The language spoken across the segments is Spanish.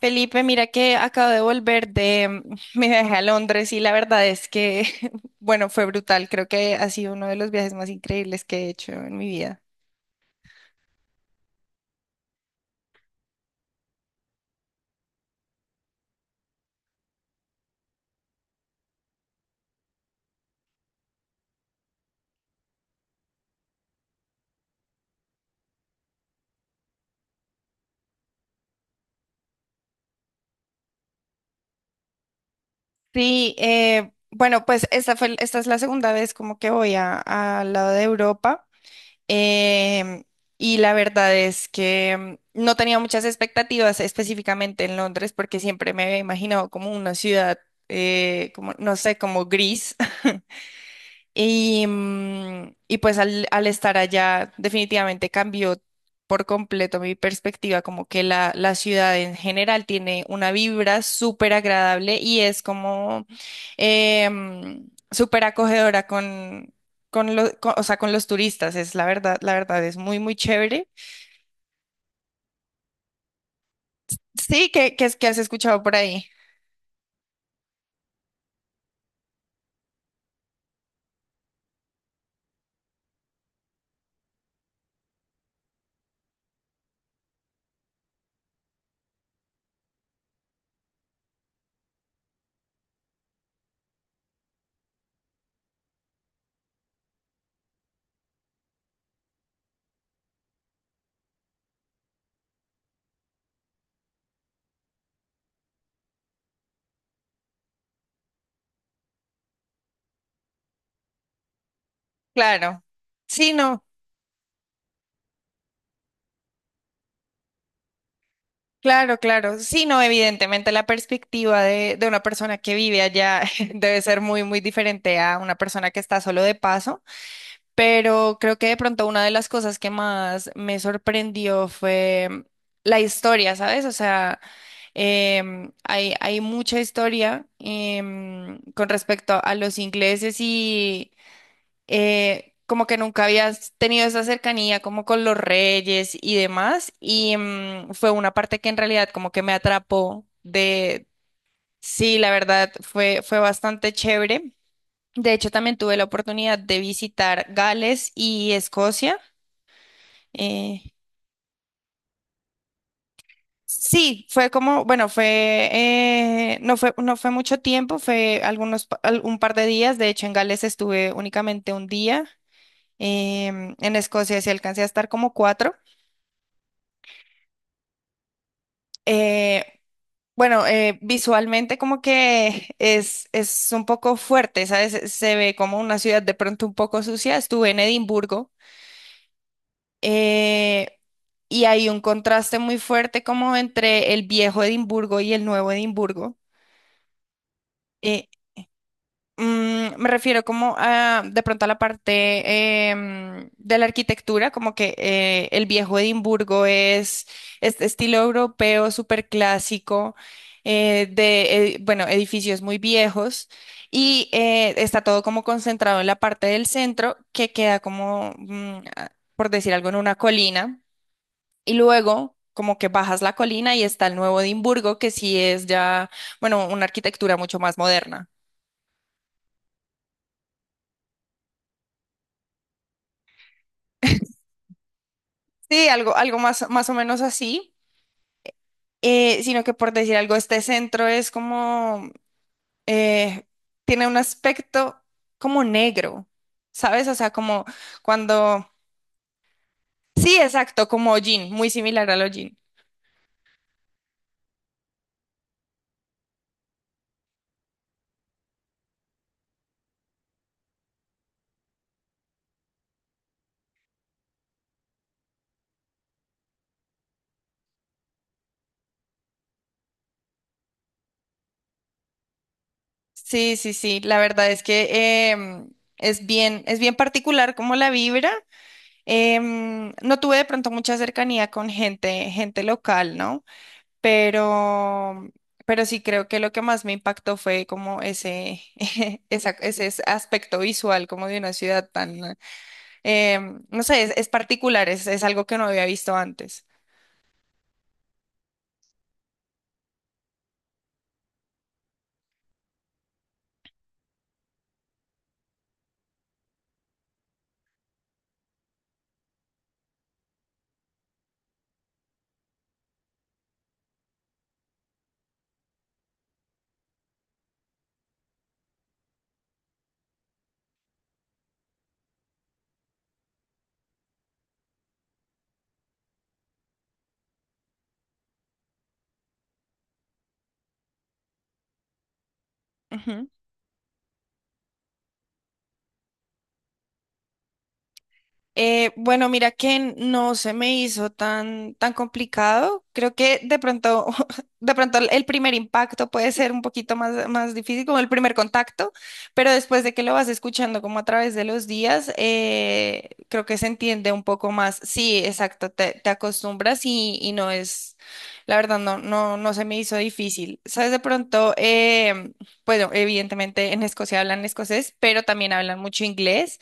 Felipe, mira que acabo de volver de mi viaje a Londres y la verdad es que, bueno, fue brutal. Creo que ha sido uno de los viajes más increíbles que he hecho en mi vida. Sí, bueno, pues esta es la segunda vez como que al lado de Europa. em, y la verdad es que no tenía muchas expectativas específicamente en Londres porque siempre me había imaginado como una ciudad, como, no sé, como gris. Y pues al estar allá definitivamente cambió por completo mi perspectiva, como que la ciudad en general tiene una vibra súper agradable y es como súper acogedora o sea, con los turistas, es la verdad es muy, muy chévere. Sí, es que has escuchado por ahí. Claro. Sí, no. Claro, claro. Sí, no, evidentemente la perspectiva de una persona que vive allá debe ser muy, muy diferente a una persona que está solo de paso, pero creo que de pronto una de las cosas que más me sorprendió fue la historia, ¿sabes? O sea, hay mucha historia con respecto a los ingleses, como que nunca habías tenido esa cercanía como con los reyes y demás, y fue una parte que en realidad como que me atrapó sí, la verdad fue bastante chévere. De hecho, también tuve la oportunidad de visitar Gales y Escocia. eh, sí, fue como, bueno, no fue mucho tiempo, fue algunos, un par de días. De hecho, en Gales estuve únicamente un día. En Escocia sí alcancé a estar como cuatro. Eh, bueno, visualmente como que es un poco fuerte, ¿sabes? Se ve como una ciudad de pronto un poco sucia. Estuve en Edimburgo, eh, y hay un contraste muy fuerte como entre el viejo Edimburgo y el nuevo Edimburgo. eh, me refiero como de pronto a la parte de la arquitectura, como que el viejo Edimburgo es este estilo europeo súper clásico, bueno, edificios muy viejos y está todo como concentrado en la parte del centro que queda como, por decir algo, en una colina y luego como que bajas la colina y está el nuevo Edimburgo, que sí es ya, bueno, una arquitectura mucho más moderna. Sí, algo más o menos así, sino que por decir algo, este centro es como, eh, tiene un aspecto como negro, ¿sabes? O sea, como cuando. Sí, exacto, como hollín, muy similar al hollín. Sí, sí, sí, la verdad es que es bien particular como la vibra. No tuve de pronto mucha cercanía con gente local, ¿no? pero, pero sí creo que lo que más me impactó fue como ese, aspecto visual como de una ciudad tan, eh, no sé, es particular, es algo que no había visto antes. Bueno, mira que no se me hizo tan, tan complicado. Creo que de pronto, de pronto el primer impacto puede ser un poquito más, más difícil, como el primer contacto, pero después de que lo vas escuchando como a través de los días, creo que se entiende un poco más. Sí, exacto, te acostumbras y no es, la verdad, no se me hizo difícil. Sabes, de pronto, bueno, evidentemente en Escocia hablan escocés, pero también hablan mucho inglés.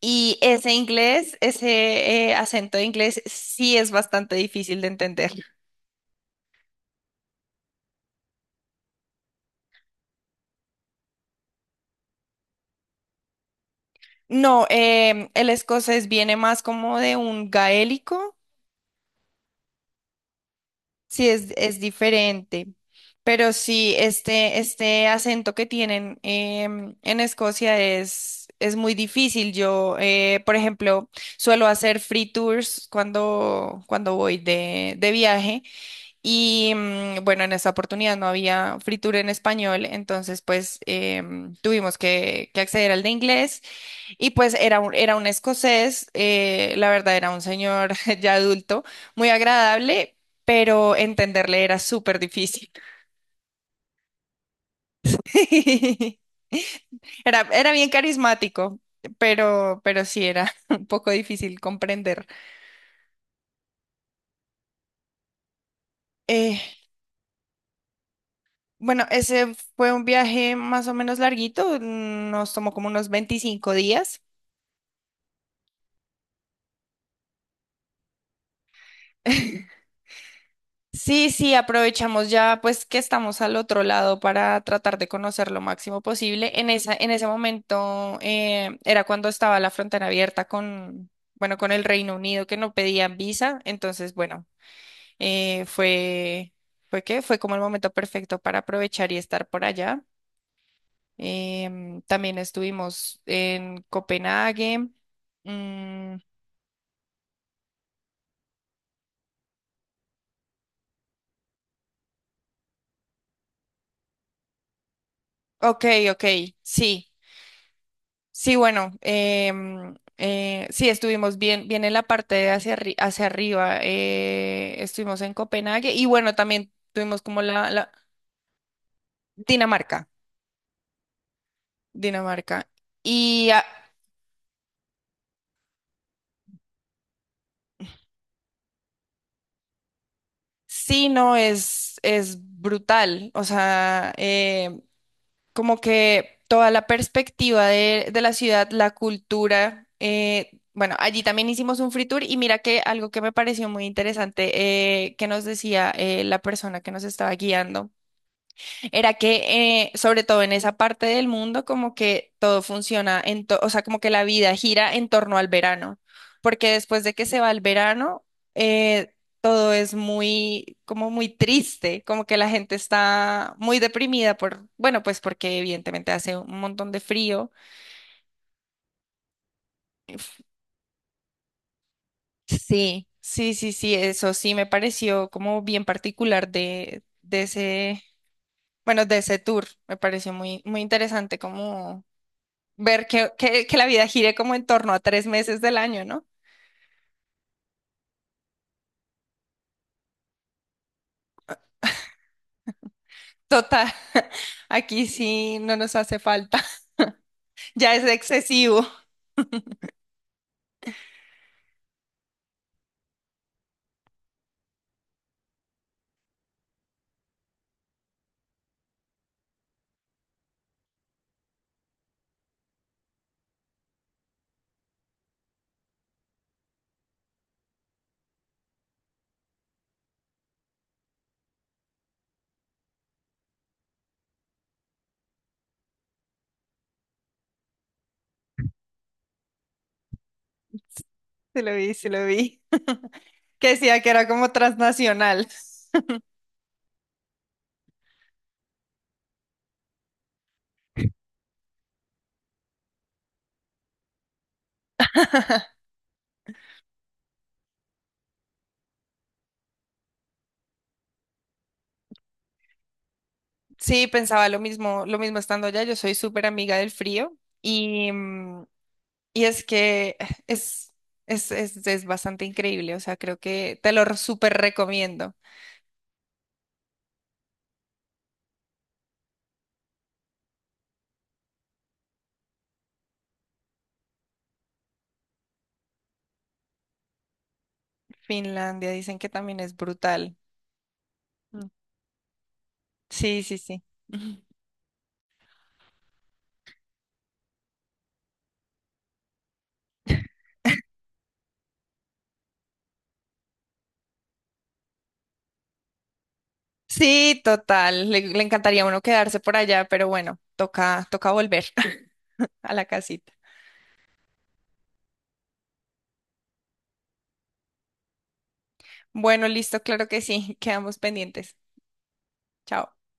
Y ese inglés, ese acento de inglés sí es bastante difícil de entender. No, el escocés viene más como de un gaélico, sí es diferente, pero sí este acento que tienen en Escocia es muy difícil. Yo, por ejemplo, suelo hacer free tours cuando voy de viaje. Y bueno, en esa oportunidad no había fritura en español, entonces pues tuvimos que acceder al de inglés y pues era un escocés, la verdad era un señor ya adulto, muy agradable, pero entenderle era súper difícil. Era bien carismático, pero sí era un poco difícil comprender. Eh, bueno, ese fue un viaje más o menos larguito, nos tomó como unos 25 días. Sí, sí, aprovechamos ya pues que estamos al otro lado para tratar de conocer lo máximo posible. En ese momento era cuando estaba la frontera abierta con, bueno, con el Reino Unido que no pedían visa. Entonces, bueno, eh, fue, fue que fue como el momento perfecto para aprovechar y estar por allá. También estuvimos en Copenhague. Mm, ok, ok, sí. Sí, bueno, sí, estuvimos bien en la parte de hacia arriba, estuvimos en Copenhague y bueno, también tuvimos como Dinamarca, Dinamarca. Y ah, sí, no, es brutal, o sea, como que toda la perspectiva de la ciudad, la cultura, bueno, allí también hicimos un free tour y mira que algo que me pareció muy interesante, que nos decía la persona que nos estaba guiando. Era que, sobre todo en esa parte del mundo, como que todo funciona, o sea, como que la vida gira en torno al verano, porque después de que se va el verano, eh, todo es muy, como muy triste, como que la gente está muy deprimida por, bueno, pues porque evidentemente hace un montón de frío. Sí, sí, sí, sí, eso sí me pareció como bien particular de ese tour, me pareció muy, muy interesante como ver que la vida gire como en torno a 3 meses del año, ¿no? Total, aquí sí no nos hace falta. Ya es excesivo. Se lo vi, se lo vi. Que decía que era como transnacional. Sí, pensaba lo mismo estando allá. Yo soy súper amiga del frío y es que es, es bastante increíble. O sea, creo que te lo súper recomiendo. Finlandia dicen que también es brutal. Mm. Sí, sí, sí. Sí, total. Le encantaría a uno quedarse por allá, pero bueno, toca volver a la casita. Bueno, listo, claro que sí. Quedamos pendientes. Chao.